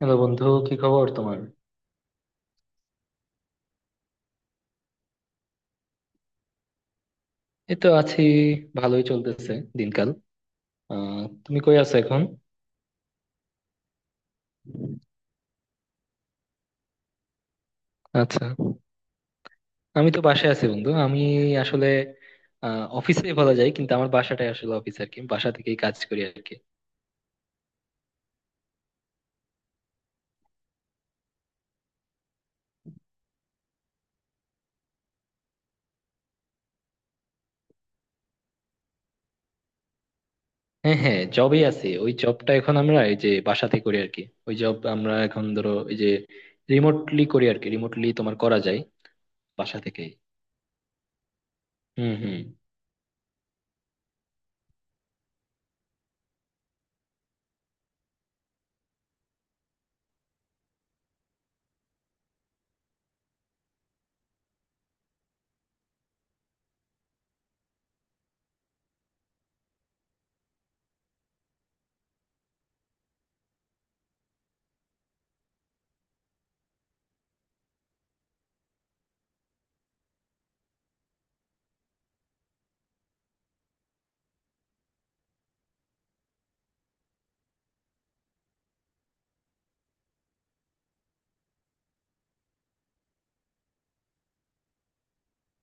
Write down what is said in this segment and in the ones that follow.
Hello বন্ধু, কি খবর তোমার? এই তো আছি, ভালোই চলতেছে দিনকাল। তুমি কই আছো এখন? আচ্ছা, আমি তো বাসায় আছি বন্ধু। আমি আসলে অফিসে বলা যায়, কিন্তু আমার বাসাটাই আসলে অফিস আর কি, বাসা থেকেই কাজ করি আর কি। হ্যাঁ হ্যাঁ, জবেই আছি। ওই জবটা এখন আমরা এই যে বাসাতে করি আর কি। ওই জব আমরা এখন ধরো এই যে রিমোটলি করি আর কি, রিমোটলি তোমার করা যায় বাসা থেকেই। হুম হুম।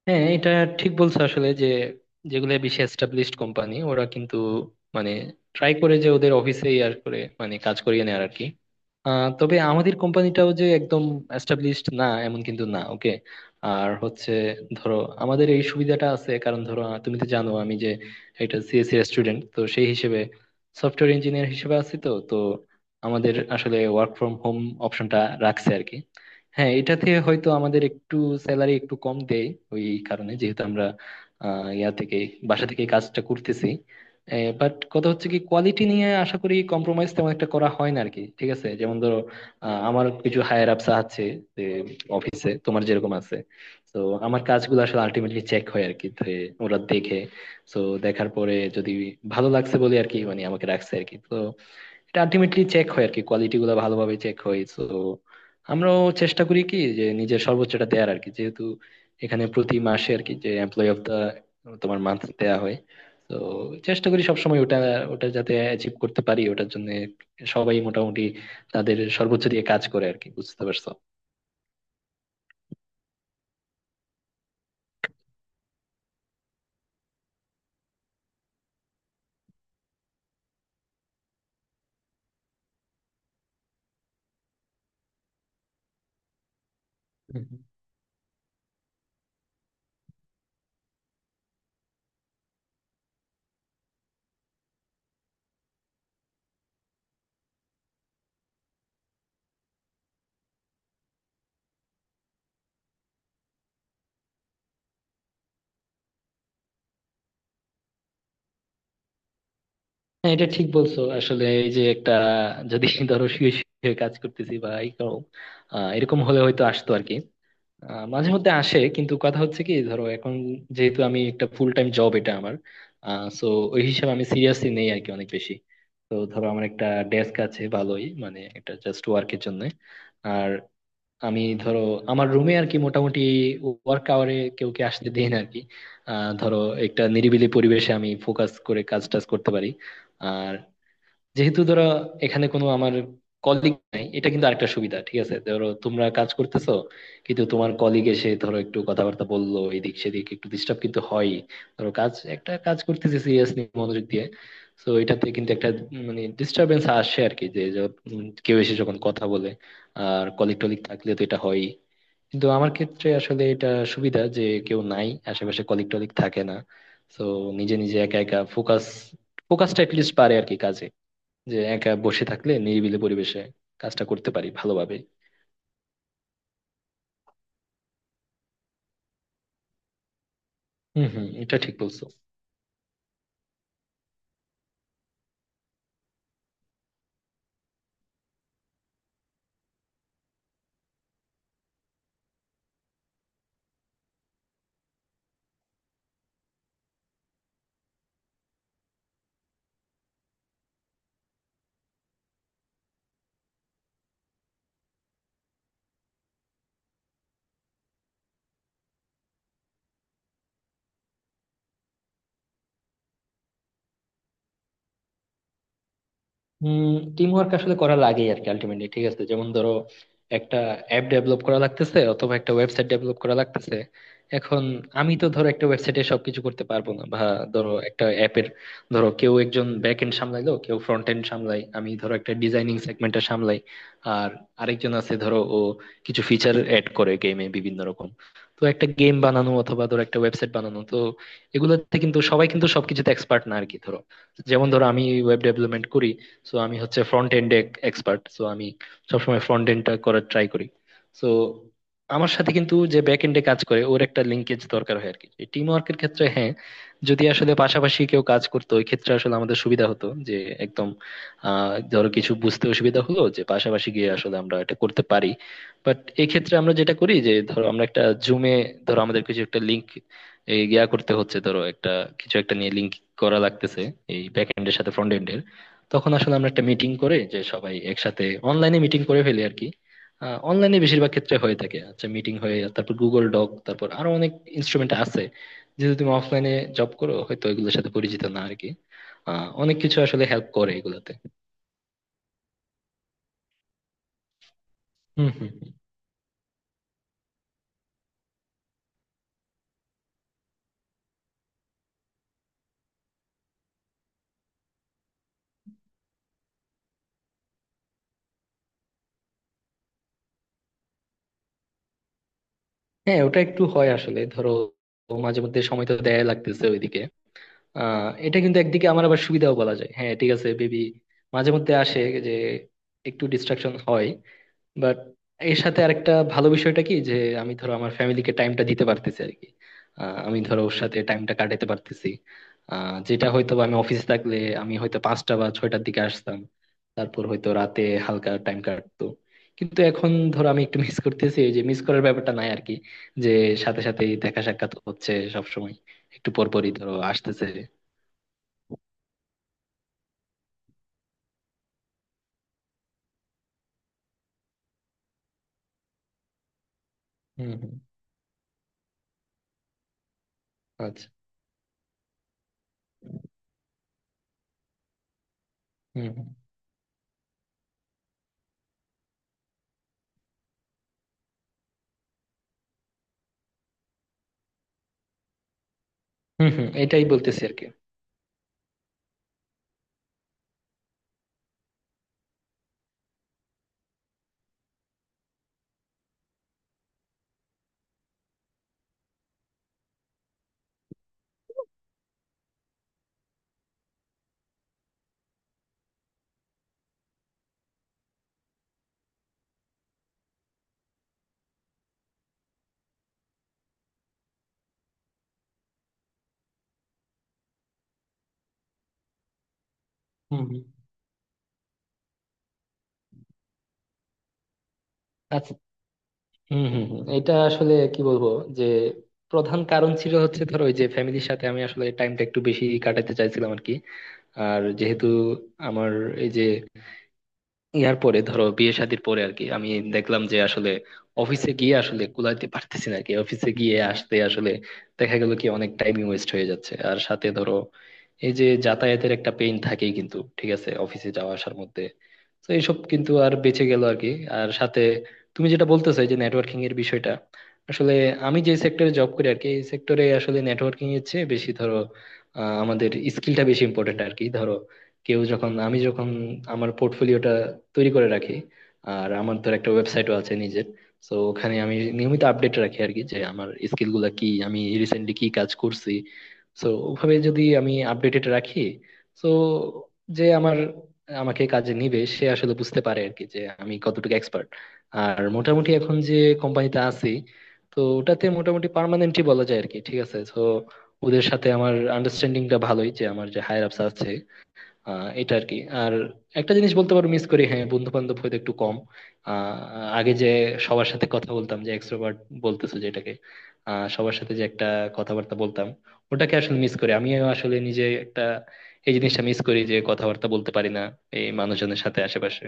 হ্যাঁ, এটা ঠিক বলছো আসলে। যে যেগুলো বেশি এস্টাবলিশড কোম্পানি ওরা কিন্তু মানে ট্রাই করে যে ওদের অফিসেই আর করে, মানে কাজ করিয়ে নেয় আর কি। তবে আমাদের কোম্পানিটাও যে একদম এস্টাবলিশড না এমন কিন্তু না, ওকে। আর হচ্ছে ধরো আমাদের এই সুবিধাটা আছে, কারণ ধরো তুমি তো জানো আমি যে এটা সিএসসি স্টুডেন্ট, তো সেই হিসেবে সফটওয়্যার ইঞ্জিনিয়ার হিসেবে আছি। তো তো আমাদের আসলে ওয়ার্ক ফ্রম হোম অপশনটা রাখছে আর কি। হ্যাঁ, এটাতে হয়তো আমাদের একটু স্যালারি একটু কম দেয় ওই কারণে, যেহেতু আমরা আহ, ইয়া থেকে বাসা থেকে কাজটা করতেছি। বাট কথা হচ্ছে কি, কোয়ালিটি নিয়ে আশা করি কম্প্রোমাইজ তেমন একটা করা হয় না আর কি, ঠিক আছে। যেমন ধরো আমার কিছু হায়ার আপস আছে, যে অফিসে তোমার যেরকম আছে। তো আমার কাজগুলো আসলে আলটিমেটলি চেক হয় আর কি। তো ওরা দেখে, তো দেখার পরে যদি ভালো লাগছে বলে আর কি, মানে আমাকে রাখছে আর কি। তো এটা আলটিমেটলি চেক হয় আর কি, কোয়ালিটি গুলো ভালোভাবে চেক হয়। তো আমরাও চেষ্টা করি কি, যে নিজের সর্বোচ্চটা দেওয়ার আর কি, যেহেতু এখানে প্রতি মাসে আর কি যে এমপ্লয় অফ দা তোমার মান্থ দেয়া হয়। তো চেষ্টা করি সবসময় ওটা ওটা যাতে অ্যাচিভ করতে পারি। ওটার জন্য সবাই মোটামুটি তাদের সর্বোচ্চ দিয়ে কাজ করে আর কি, বুঝতে পারছো? হুম, হুম। হ্যাঁ এটা ঠিক বলছো আসলে। এই যে একটা, যদি ধরো শুয়ে শুয়ে কাজ করতেছি বা এই করো, এরকম হলে হয়তো আসতো আর কি। মাঝে মধ্যে আসে, কিন্তু কথা হচ্ছে কি, ধরো এখন যেহেতু আমি একটা ফুল টাইম জব এটা আমার, সো ওই হিসাবে আমি সিরিয়াসলি নেই আর কি অনেক বেশি। তো ধরো আমার একটা ডেস্ক আছে ভালোই, মানে এটা জাস্ট ওয়ার্কের জন্য। আর আমি ধরো আমার রুমে আর কি মোটামুটি ওয়ার্ক আওয়ারে কেউ কে আসতে দেই না আর কি। ধরো একটা নিরিবিলি পরিবেশে আমি ফোকাস করে কাজ টাজ করতে পারি। আর যেহেতু ধরো এখানে কোনো আমার কলিগ নাই, এটা কিন্তু আরেকটা সুবিধা, ঠিক আছে। ধরো তোমরা কাজ করতেছো, কিন্তু তোমার কলিগ এসে ধরো একটু কথাবার্তা বললো এদিক সেদিক, একটু ডিস্টার্ব কিন্তু হয়। ধরো কাজ একটা কাজ করতেছি সিরিয়াসলি মনোযোগ দিয়ে, তো এটাতে কিন্তু একটা মানে ডিস্টারবেন্স আসে আর কি, যে কেউ এসে যখন কথা বলে। আর কলিগ টলিগ থাকলে তো এটা হয়, কিন্তু আমার ক্ষেত্রে আসলে এটা সুবিধা যে কেউ নাই আশেপাশে, কলিগ টলিগ থাকে না। তো নিজে নিজে একা একা ফোকাসটা লিস্ট পারে আর কি, যে একা বসে থাকলে নিরিবিলি পরিবেশে কাজটা করতে পারি ভালোভাবে। হম হম, এটা ঠিক বলছো। হম, টিম ওয়ার্ক আসলে করা লাগে আর কি আলটিমেটলি, ঠিক আছে। যেমন ধরো একটা অ্যাপ ডেভেলপ করা লাগতেছে অথবা একটা ওয়েবসাইট ডেভেলপ করা লাগতেছে। এখন আমি তো ধরো একটা ওয়েবসাইটে সবকিছু করতে পারবো না, বা ধরো একটা অ্যাপের, ধরো কেউ একজন ব্যাক এন্ড সামলাইলো, কেউ ফ্রন্ট এন্ড সামলাই, আমি ধরো একটা ডিজাইনিং সেগমেন্টটা সামলাই। আর আরেকজন আছে ধরো, ও কিছু ফিচার অ্যাড করে গেমে বিভিন্ন রকম। তো একটা গেম বানানো অথবা ধরো একটা ওয়েবসাইট বানানো, তো এগুলোতে কিন্তু সবাই কিন্তু সবকিছুতে এক্সপার্ট না আর কি। ধরো, যেমন ধরো আমি ওয়েব ডেভেলপমেন্ট করি, সো আমি হচ্ছে ফ্রন্ট এন্ড এক্সপার্ট, সো আমি সবসময় ফ্রন্ট এন্ডটা করার ট্রাই করি। সো আমার সাথে কিন্তু যে ব্যাক এন্ডে কাজ করে, ওর একটা লিঙ্কেজ দরকার হয় আর কি, টিম ওয়ার্কের ক্ষেত্রে। হ্যাঁ, যদি আসলে পাশাপাশি কেউ কাজ করতো ওই ক্ষেত্রে আসলে আমাদের সুবিধা হতো, যে একদম ধরো কিছু বুঝতে অসুবিধা হলো যে পাশাপাশি গিয়ে আসলে আমরা এটা করতে পারি। বাট এই ক্ষেত্রে আমরা যেটা করি, যে ধরো আমরা একটা জুমে, ধরো আমাদের কিছু একটা লিঙ্ক করতে হচ্ছে, ধরো একটা কিছু একটা নিয়ে লিঙ্ক করা লাগতেছে এই ব্যাক এন্ডের সাথে ফ্রন্ট এন্ডের। তখন আসলে আমরা একটা মিটিং করে, যে সবাই একসাথে অনলাইনে মিটিং করে ফেলি আর কি। অনলাইনে বেশিরভাগ ক্ষেত্রে হয়ে থাকে। আচ্ছা, মিটিং হয়ে তারপর গুগল ডক, তারপর আরো অনেক ইনস্ট্রুমেন্ট আছে। যেহেতু তুমি অফলাইনে জব করো, হয়তো এগুলোর সাথে পরিচিত না আর কি। অনেক কিছু আসলে হেল্প করে এগুলোতে। হম হম। হ্যাঁ, ওটা একটু হয় আসলে, ধরো ও মাঝে মধ্যে সময় তো দেয়া লাগতেছে ওইদিকে। এটা কিন্তু একদিকে আমার আবার সুবিধাও বলা যায়, হ্যাঁ ঠিক আছে। বেবি মাঝে মধ্যে আসে, যে একটু ডিস্ট্রাকশন হয়, বাট এর সাথে আরেকটা ভালো বিষয়টা কি, যে আমি ধরো আমার ফ্যামিলিকে টাইমটা দিতে পারতেছি আর কি। আমি ধরো ওর সাথে টাইমটা কাটাতে পারতেছি। যেটা হয়তো বা আমি অফিসে থাকলে আমি হয়তো 5টা বা 6টার দিকে আসতাম, তারপর হয়তো রাতে হালকা টাইম কাটতো। কিন্তু এখন ধরো আমি একটু মিস করতেছি, এই যে মিস করার ব্যাপারটা নাই আর কি, যে সাথে সাথে দেখা সাক্ষাৎ হচ্ছে সব সময়, একটু পর পরই ধরো আসতেছে। হুম হুম। আচ্ছা। হুম হুম হুম। হুম এটাই বলতেছি আর কি। হুম হুম। আচ্ছা। হম হম হম এটা আসলে কি বলবো, যে প্রধান কারণ ছিল হচ্ছে ধরো ওই যে ফ্যামিলির সাথে আমি আসলে টাইমটা একটু বেশি কাটাতে চাইছিলাম আর কি। আর যেহেতু আমার এই যে পরে ধরো বিয়ে শাদীর পরে আর কি, আমি দেখলাম যে আসলে অফিসে গিয়ে আসলে কুলাইতে পারতেছি না আর কি। অফিসে গিয়ে আসতে আসলে দেখা গেল কি অনেক টাইম ওয়েস্ট হয়ে যাচ্ছে। আর সাথে ধরো এই যে যাতায়াতের একটা পেইন থাকেই কিন্তু, ঠিক আছে, অফিসে যাওয়া আসার মধ্যে। তো এইসব কিন্তু আর বেঁচে গেল আর কি। আর সাথে তুমি যেটা বলতেছো এই যে নেটওয়ার্কিং এর বিষয়টা, আসলে আমি যে সেক্টরে জব করি আর কি, এই সেক্টরে আসলে নেটওয়ার্কিং এর চেয়ে বেশি ধরো আমাদের স্কিলটা বেশি ইম্পর্টেন্ট আর কি। ধরো, কেউ যখন আমি যখন আমার পোর্টফোলিওটা তৈরি করে রাখি, আর আমার ধর একটা ওয়েবসাইটও আছে নিজের, তো ওখানে আমি নিয়মিত আপডেট রাখি আর কি, যে আমার স্কিল গুলা কি, আমি রিসেন্টলি কি কাজ করছি। তো ওভাবে যদি আমি আপডেটেড রাখি, তো যে আমার আমাকে কাজে নিবে সে আসলে বুঝতে পারে আর কি, যে আমি কতটুকু এক্সপার্ট। আর মোটামুটি এখন যে কোম্পানিতে আছি, তো ওটাতে মোটামুটি পার্মানেন্টই বলা যায় আর কি, ঠিক আছে। তো ওদের সাথে আমার আন্ডারস্ট্যান্ডিংটা ভালোই, যে আমার যে হায়ার আপস আছে এটা আর কি। আর একটা জিনিস বলতে পারো মিস করি, হ্যাঁ, বন্ধু বান্ধব হয়তো একটু কম। আহ আগে যে সবার সাথে কথা বলতাম, যে এক্সট্রোভার্ট বলতেছো যেটাকে, সবার সাথে যে একটা কথাবার্তা বলতাম, ওটাকে আসলে মিস করি। আমিও আসলে নিজে একটা এই জিনিসটা মিস করি, যে কথাবার্তা বলতে পারি না এই মানুষজনের সাথে আশেপাশে।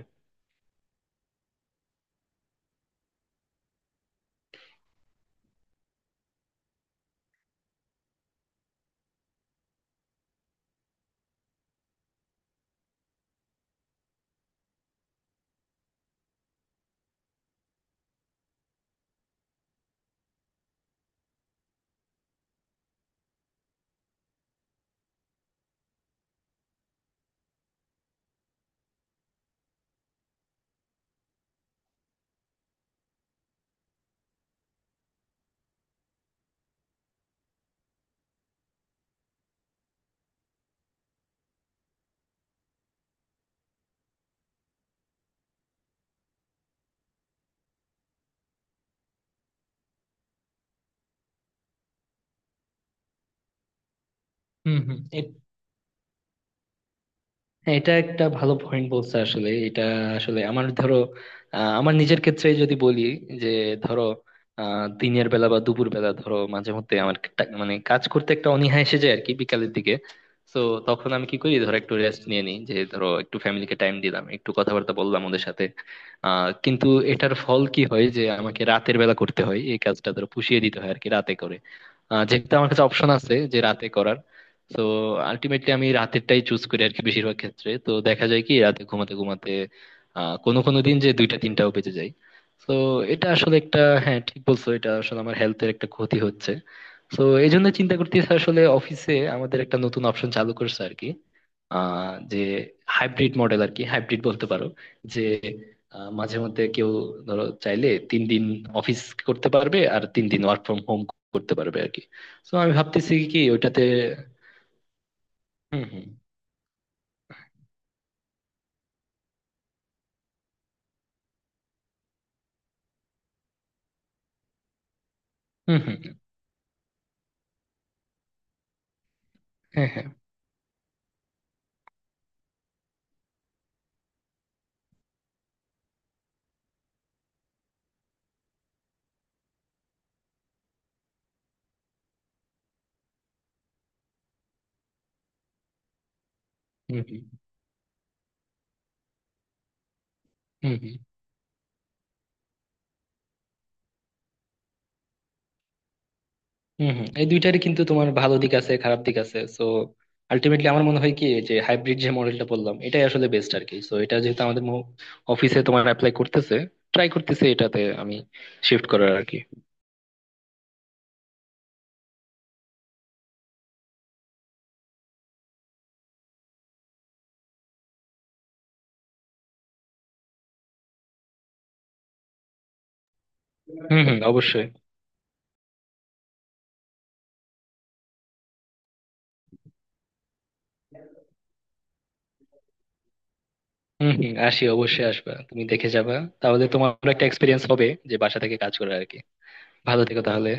হম হম। হ্যাঁ, এটা একটা ভালো পয়েন্ট বলছে আসলে এটা। আসলে আমার ধরো আমার নিজের ক্ষেত্রে যদি বলি, যে ধরো দিনের বেলা বা দুপুর বেলা ধরো মাঝে মধ্যে আমার একটা- মানে কাজ করতে একটা অনীহা এসে যায় আর কি, বিকালের দিকে। তো তখন আমি কি করি, ধরো একটু রেস্ট নিয়ে নিই, যে ধরো একটু ফ্যামিলিকে টাইম দিলাম, একটু কথাবার্তা বললাম ওদের সাথে। কিন্তু এটার ফল কি হয়, যে আমাকে রাতের বেলা করতে হয় এই কাজটা, ধরো পুষিয়ে দিতে হয় আর কি, রাতে করে। যেহেতু আমার কাছে অপশন আছে যে রাতে করার, তো আলটিমেটলি আমি রাতেরটাই চুজ করি আর কি বেশিরভাগ ক্ষেত্রে। তো দেখা যায় কি রাতে ঘুমাতে ঘুমাতে কোনো কোনো দিন যে দুইটা তিনটাও বেজে যায়। তো এটা আসলে একটা, হ্যাঁ, ঠিক বলছো, এটা আসলে আমার হেলথের একটা ক্ষতি হচ্ছে। তো এই জন্য চিন্তা করতেছি, আসলে অফিসে আমাদের একটা নতুন অপশন চালু করছে আর কি, যে হাইব্রিড মডেল আর কি, হাইব্রিড বলতে পারো। যে মাঝে মধ্যে কেউ ধরো চাইলে 3 দিন অফিস করতে পারবে আর 3 দিন ওয়ার্ক ফ্রম হোম করতে পারবে আর কি। তো আমি ভাবতেছি কি ওইটাতে। হুম হুম হুম। হুম হুম। হ্যাঁ হ্যাঁ। হুম হুম হুম। হুম হুম। হুম এই দুইটারই কিন্তু তোমার ভালো দিক আছে খারাপ দিক আছে, সো আলটিমেটলি আমার মনে হয় কি, যে হাইব্রিড যে মডেলটা বললাম এটাই আসলে বেস্ট আর কি। সো এটা যেহেতু আমাদের অফিসে তোমার অ্যাপ্লাই করতেছে, ট্রাই করতেছে, এটাতে আমি শিফট করার আর কি। হুম হুম, অবশ্যই। হুম হুম, আসি, অবশ্যই আসবা তুমি দেখে যাবা, তাহলে তোমার একটা এক্সপিরিয়েন্স হবে যে বাসা থেকে কাজ করার আর কি। ভালো থেকো তাহলে।